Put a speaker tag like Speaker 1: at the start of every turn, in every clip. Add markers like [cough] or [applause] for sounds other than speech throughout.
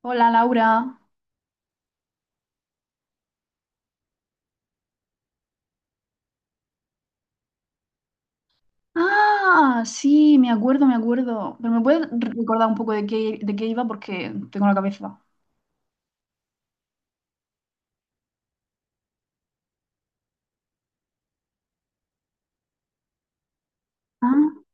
Speaker 1: Hola Laura. Ah, sí, me acuerdo, me acuerdo. Pero me puedes recordar un poco de qué iba porque tengo la cabeza. Ah,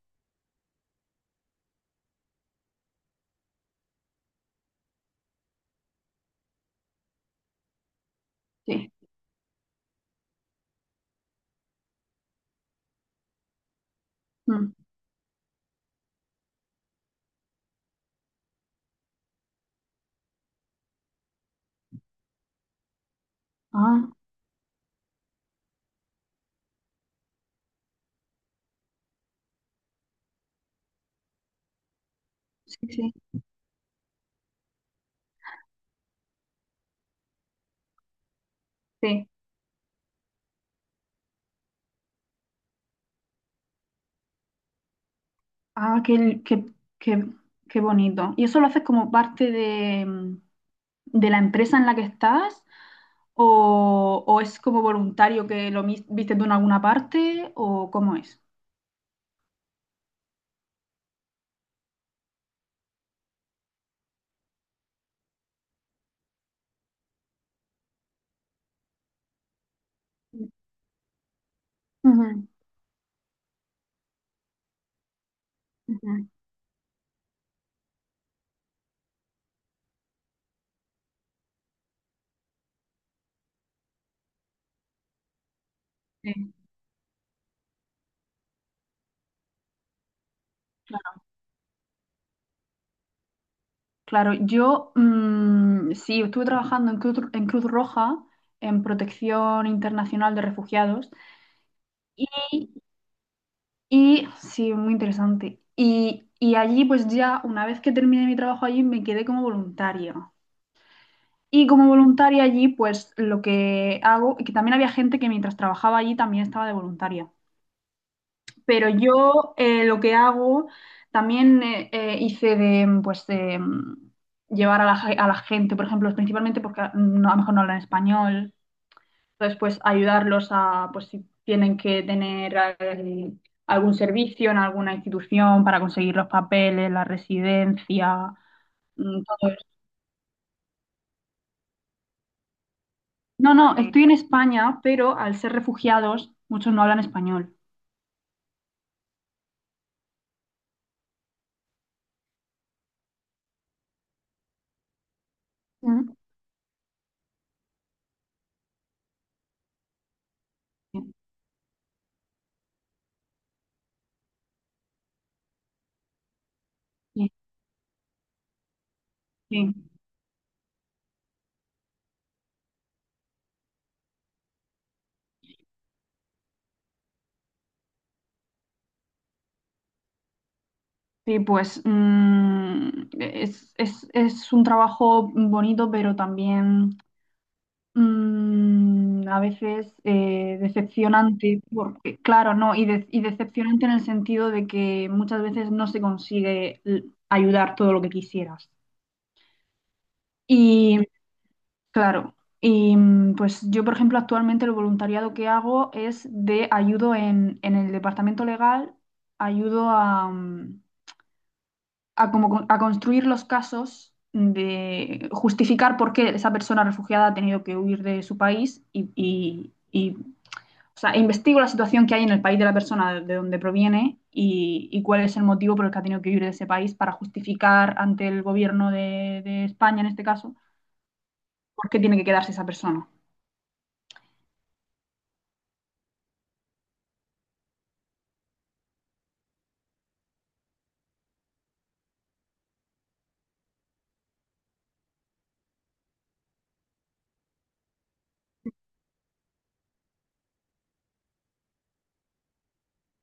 Speaker 1: sí. Mm. Ah, sí, sí, sí. Ah, qué, qué, qué, qué bonito. ¿Y eso lo haces como parte de, de la empresa en la que estás? O es como voluntario que viste tú en alguna parte? ¿O cómo es? Ujú, ujú, sí, claro. Claro, yo sí, estuve trabajando en Cruz Roja, en Protección Internacional de Refugiados, y, y sí, muy interesante. Y allí, pues ya, una vez que terminé mi trabajo allí, me quedé como voluntaria. Y como voluntaria allí, pues lo que hago, y que también había gente que mientras trabajaba allí también estaba de voluntaria. Pero yo lo que hago también hice de, pues, de llevar a la, a la gente, por ejemplo, principalmente porque no, a lo mejor no hablan español, entonces pues ayudarlos a, pues si tienen que tener algún servicio en alguna institución para conseguir los papeles, la residencia, mm, todo eso. No, no, estoy en España, pero al ser refugiados, muchos no hablan español. Mm. Sí, sí. Sí, pues es, es un trabajo bonito, pero también a veces decepcionante, porque, claro, no, y, y decepcionante en el sentido de que muchas veces no se consigue ayudar todo lo que quisieras. Y claro, y pues yo, por ejemplo, actualmente el voluntariado que hago es de ayudo en el departamento legal, ayudo a, como, a construir los casos de justificar por qué esa persona refugiada ha tenido que huir de su país y, o sea, investigo la situación que hay en el país de la persona de donde proviene y cuál es el motivo por el que ha tenido que huir de ese país para justificar ante el gobierno de España, en este caso, por qué tiene que quedarse esa persona.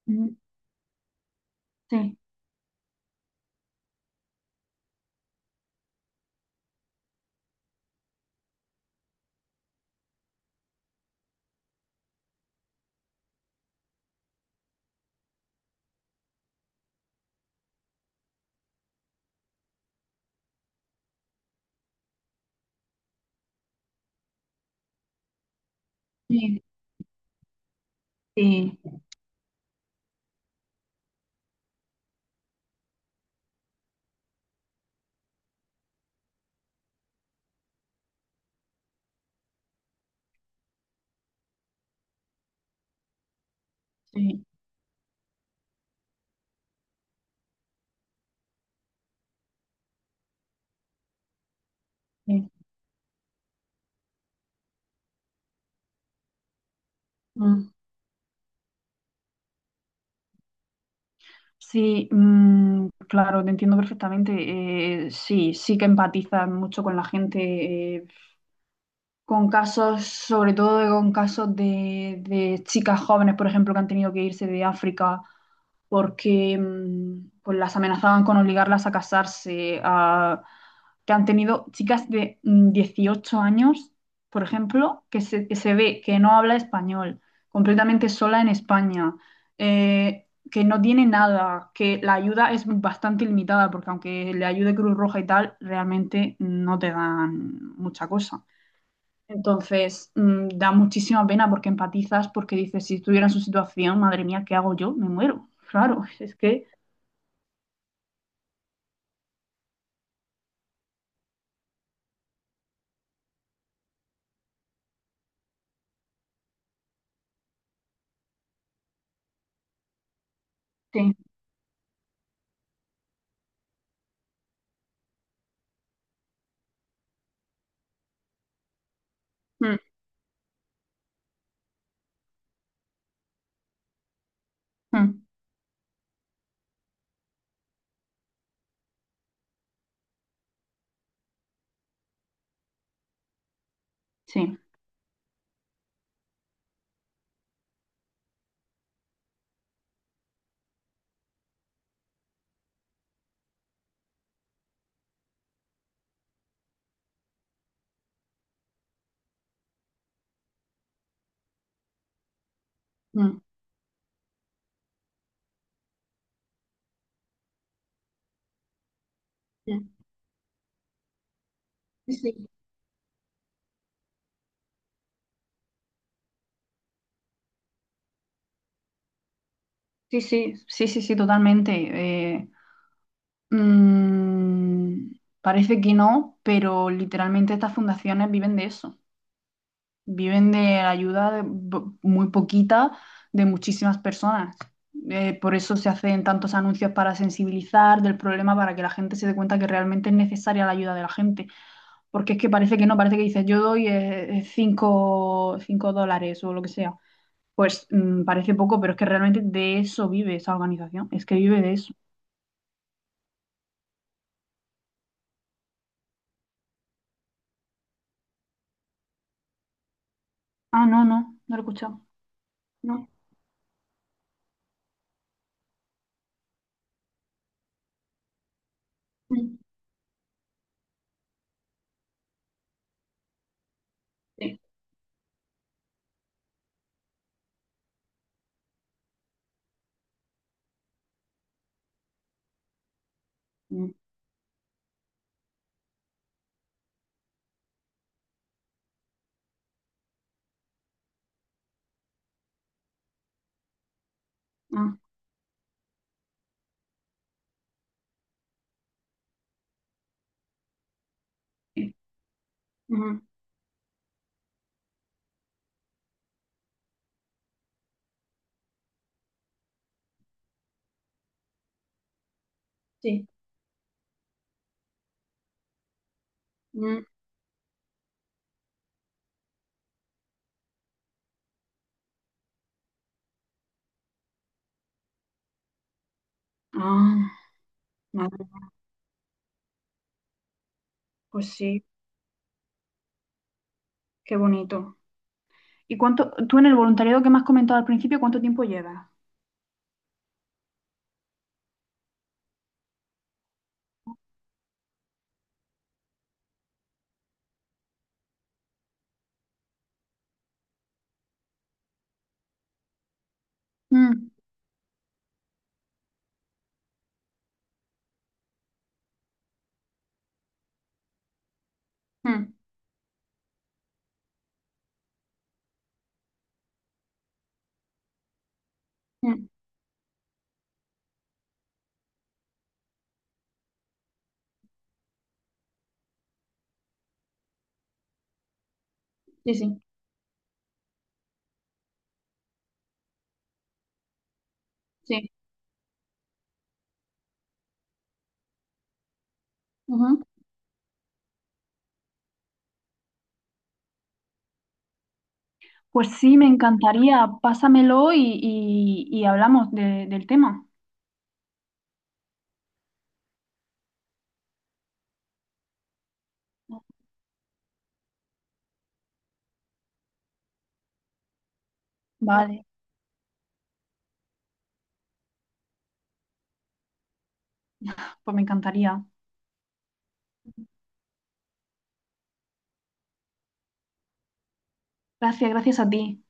Speaker 1: Ujú. Sí, sí, sí, sí, sí. Mm. Sí, claro, te entiendo perfectamente. Sí, sí que empatizas mucho con la gente con casos, sobre todo con casos de chicas jóvenes, por ejemplo, que han tenido que irse de África porque pues las amenazaban con obligarlas a casarse, a- que han tenido chicas de 18 años, por ejemplo, que se ve que no habla español, completamente sola en España, que no tiene nada, que la ayuda es bastante limitada, porque aunque le ayude Cruz Roja y tal, realmente no te dan mucha cosa. Entonces, da muchísima pena porque empatizas, porque dices, si estuviera en su situación, madre mía, ¿qué hago yo? Me muero. Claro, [laughs] es que... Sí, mm, mm, sí, mm, sí, sí, sí, sí, sí, sí, sí, totalmente. Eh, mm, parece que no, pero literalmente estas fundaciones viven de eso. Viven de ayuda de muy poquita de muchísimas personas. Por eso se hacen tantos anuncios para sensibilizar del problema, para que la gente se dé cuenta que realmente es necesaria la ayuda de la gente. Porque es que parece que no, parece que dices, yo doy cinco, $5 o lo que sea. Pues parece poco, pero es que realmente de eso vive esa organización. Es que vive de eso. Ah, no, no, no lo he escuchado. No. Mm, sí. Mm, ah, sí. Ujú, sí. Mm, ah, vale, pues sí. Qué bonito. ¿Y cuánto, tú en el voluntariado que me has comentado al principio, cuánto tiempo llevas? Mm, mm, mm. Sí, sí, sí. Ujú. Pues sí, me encantaría. Pásamelo y, y hablamos del tema. Vale, pues me encantaría. Gracias, gracias a ti.